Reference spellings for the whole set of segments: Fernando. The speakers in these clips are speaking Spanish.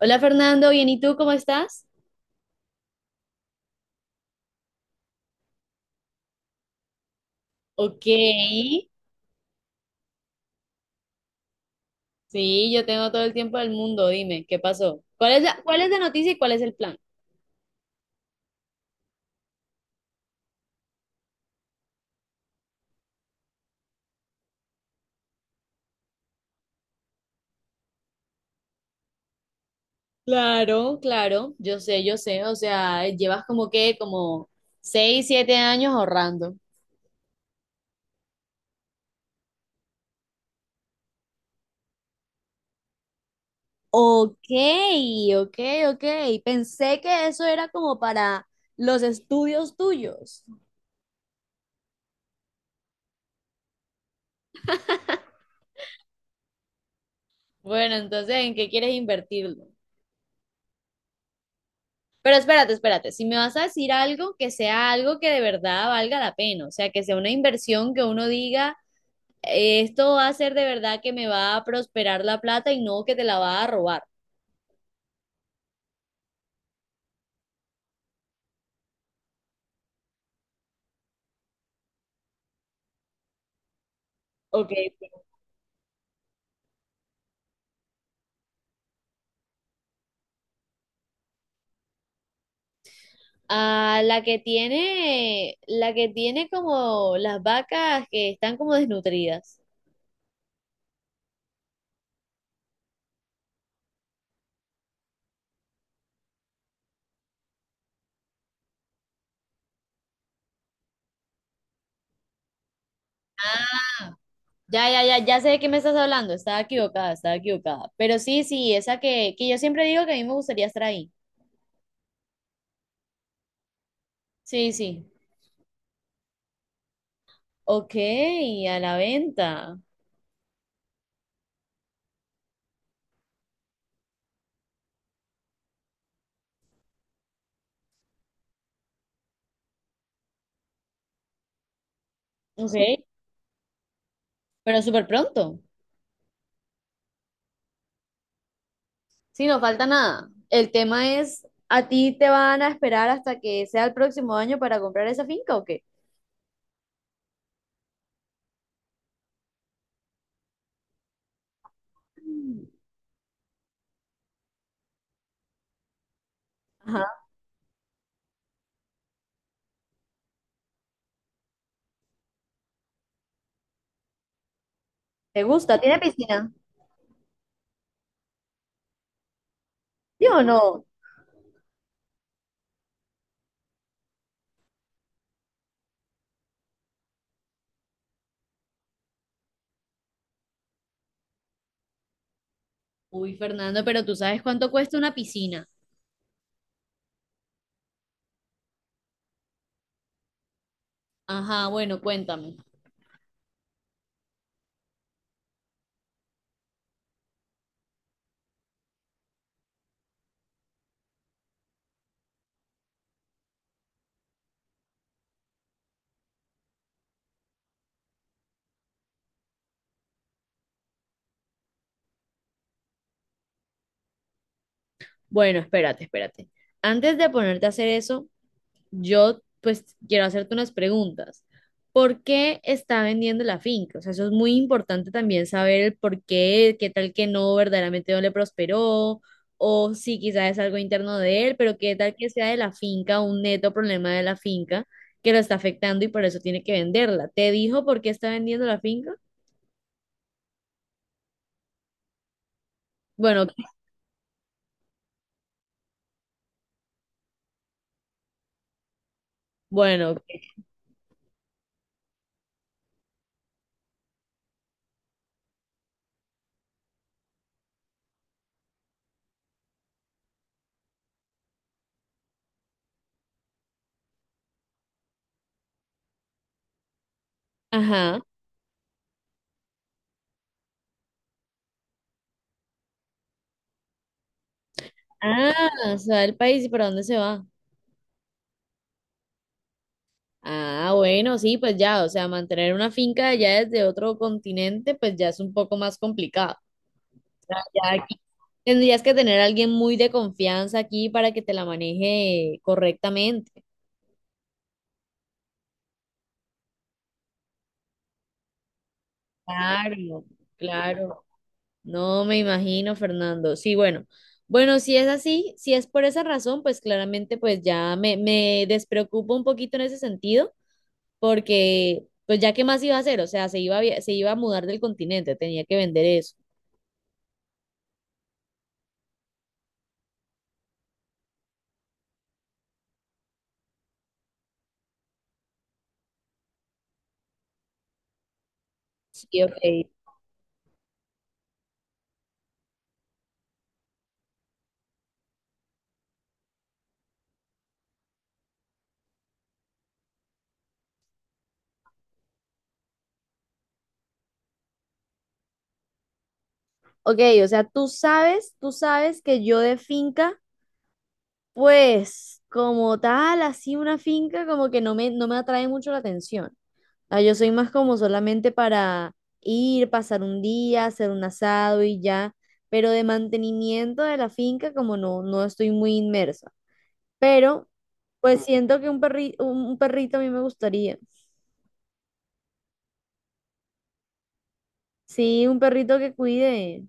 Hola Fernando, bien, ¿y tú cómo estás? Ok, sí, yo tengo todo el tiempo del mundo, dime, ¿qué pasó? ¿Cuál es la noticia y cuál es el plan? Claro, claro, yo sé, o sea, llevas como que, como seis, siete años ahorrando. Ok, ok, ok, pensé que eso era como para los estudios tuyos. Bueno, entonces, ¿en qué quieres invertirlo? Pero espérate, espérate, si me vas a decir algo, que sea algo que de verdad valga la pena, o sea, que sea una inversión que uno diga, esto va a ser de verdad que me va a prosperar la plata y no que te la va a robar. Ok. Ah, la que tiene como las vacas que están como desnutridas. Ya, ya, ya, ya sé de qué me estás hablando, estaba equivocada, estaba equivocada. Pero sí, sí, esa que yo siempre digo que a mí me gustaría estar ahí. Sí, sí. Ok, a la venta. Ok. Pero súper pronto. Sí, no falta nada. El tema es, ¿a ti te van a esperar hasta que sea el próximo año para comprar esa finca o qué? Ajá. ¿Te gusta? ¿Tiene piscina? ¿Sí o no? Uy, Fernando, pero tú sabes cuánto cuesta una piscina. Ajá, bueno, cuéntame. Bueno, espérate, espérate. Antes de ponerte a hacer eso, yo, pues, quiero hacerte unas preguntas. ¿Por qué está vendiendo la finca? O sea, eso es muy importante también saber el por qué, qué tal que no, verdaderamente no le prosperó, o si quizás es algo interno de él, pero qué tal que sea de la finca, un neto problema de la finca que lo está afectando y por eso tiene que venderla. ¿Te dijo por qué está vendiendo la finca? Bueno, bueno, ajá. Ah, se va del país y para dónde se va. Ah, bueno, sí, pues ya, o sea, mantener una finca allá desde otro continente, pues ya es un poco más complicado. O sea, ya aquí tendrías que tener a alguien muy de confianza aquí para que te la maneje correctamente. Claro, claro. No me imagino, Fernando. Sí, bueno. Bueno, si es así, si es por esa razón, pues claramente pues ya me despreocupo un poquito en ese sentido, porque pues ya qué más iba a hacer, o sea, se iba a mudar del continente, tenía que vender eso. Sí, ok. Ok, o sea, tú sabes que yo de finca, pues como tal, así una finca como que no me atrae mucho la atención. Ah, yo soy más como solamente para ir, pasar un día, hacer un asado y ya, pero de mantenimiento de la finca como no, no estoy muy inmersa. Pero pues siento que un perrito a mí me gustaría. Sí, un perrito que cuide.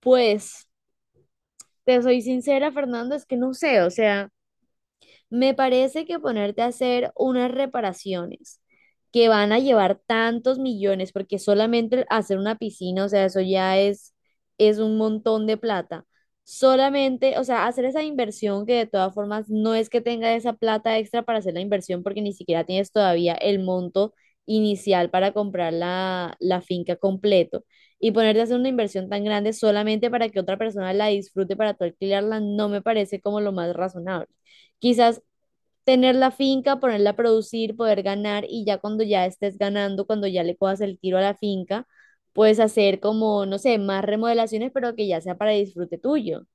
Pues, te soy sincera, Fernando, es que no sé, o sea... Me parece que ponerte a hacer unas reparaciones que van a llevar tantos millones, porque solamente hacer una piscina, o sea, es un montón de plata. Solamente, o sea, hacer esa inversión que de todas formas no es que tenga esa plata extra para hacer la inversión, porque ni siquiera tienes todavía el monto inicial para comprar la finca completo. Y ponerte a hacer una inversión tan grande solamente para que otra persona la disfrute para tú alquilarla, no me parece como lo más razonable. Quizás tener la finca, ponerla a producir, poder ganar y ya cuando ya estés ganando, cuando ya le cojas el tiro a la finca, puedes hacer como, no sé, más remodelaciones, pero que ya sea para disfrute tuyo.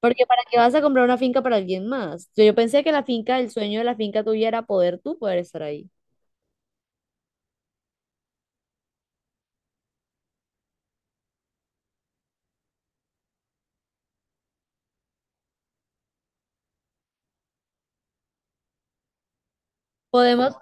Porque ¿para qué vas a comprar una finca para alguien más? Yo pensé que la finca, el sueño de la finca tuya era poder tú poder estar ahí. Podemos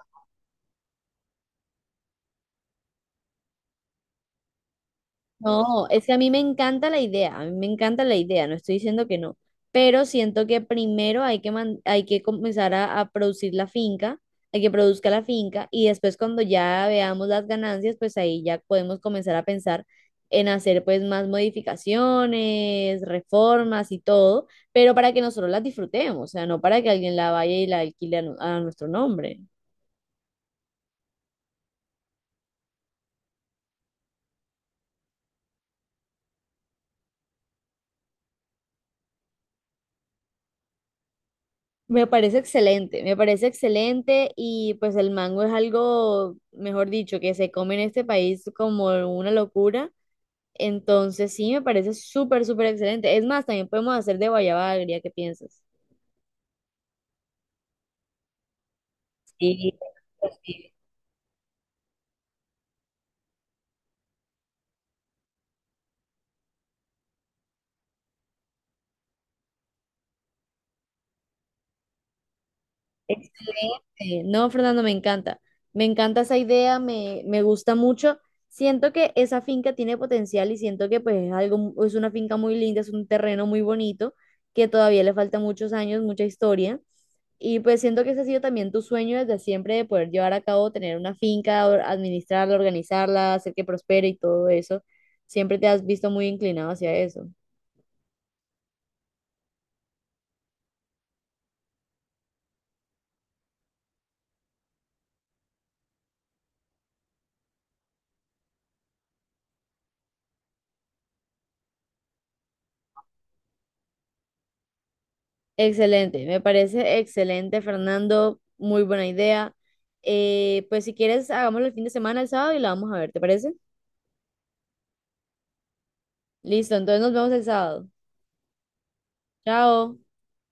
no, es que a mí me encanta la idea, a mí me encanta la idea, no estoy diciendo que no, pero siento que primero hay que comenzar a producir la finca, hay que produzca la finca y después cuando ya veamos las ganancias, pues ahí ya podemos comenzar a pensar en hacer pues más modificaciones, reformas y todo, pero para que nosotros las disfrutemos, o sea, no para que alguien la vaya y la alquile a a nuestro nombre. Me parece excelente y pues el mango es algo, mejor dicho, que se come en este país como una locura. Entonces sí, me parece súper, súper excelente. Es más, también podemos hacer de guayaba agria, ¿qué piensas? Sí, pues sí. Sí, no, Fernando, me encanta. Me encanta esa idea, me gusta mucho. Siento que esa finca tiene potencial y siento que pues es algo, es una finca muy linda, es un terreno muy bonito, que todavía le falta muchos años, mucha historia. Y pues siento que ese ha sido también tu sueño desde siempre de poder llevar a cabo, tener una finca, administrarla, organizarla, hacer que prospere y todo eso. Siempre te has visto muy inclinado hacia eso. Excelente, me parece excelente, Fernando. Muy buena idea. Pues si quieres, hagámoslo el fin de semana, el sábado, y la vamos a ver, ¿te parece? Listo, entonces nos vemos el sábado. Chao.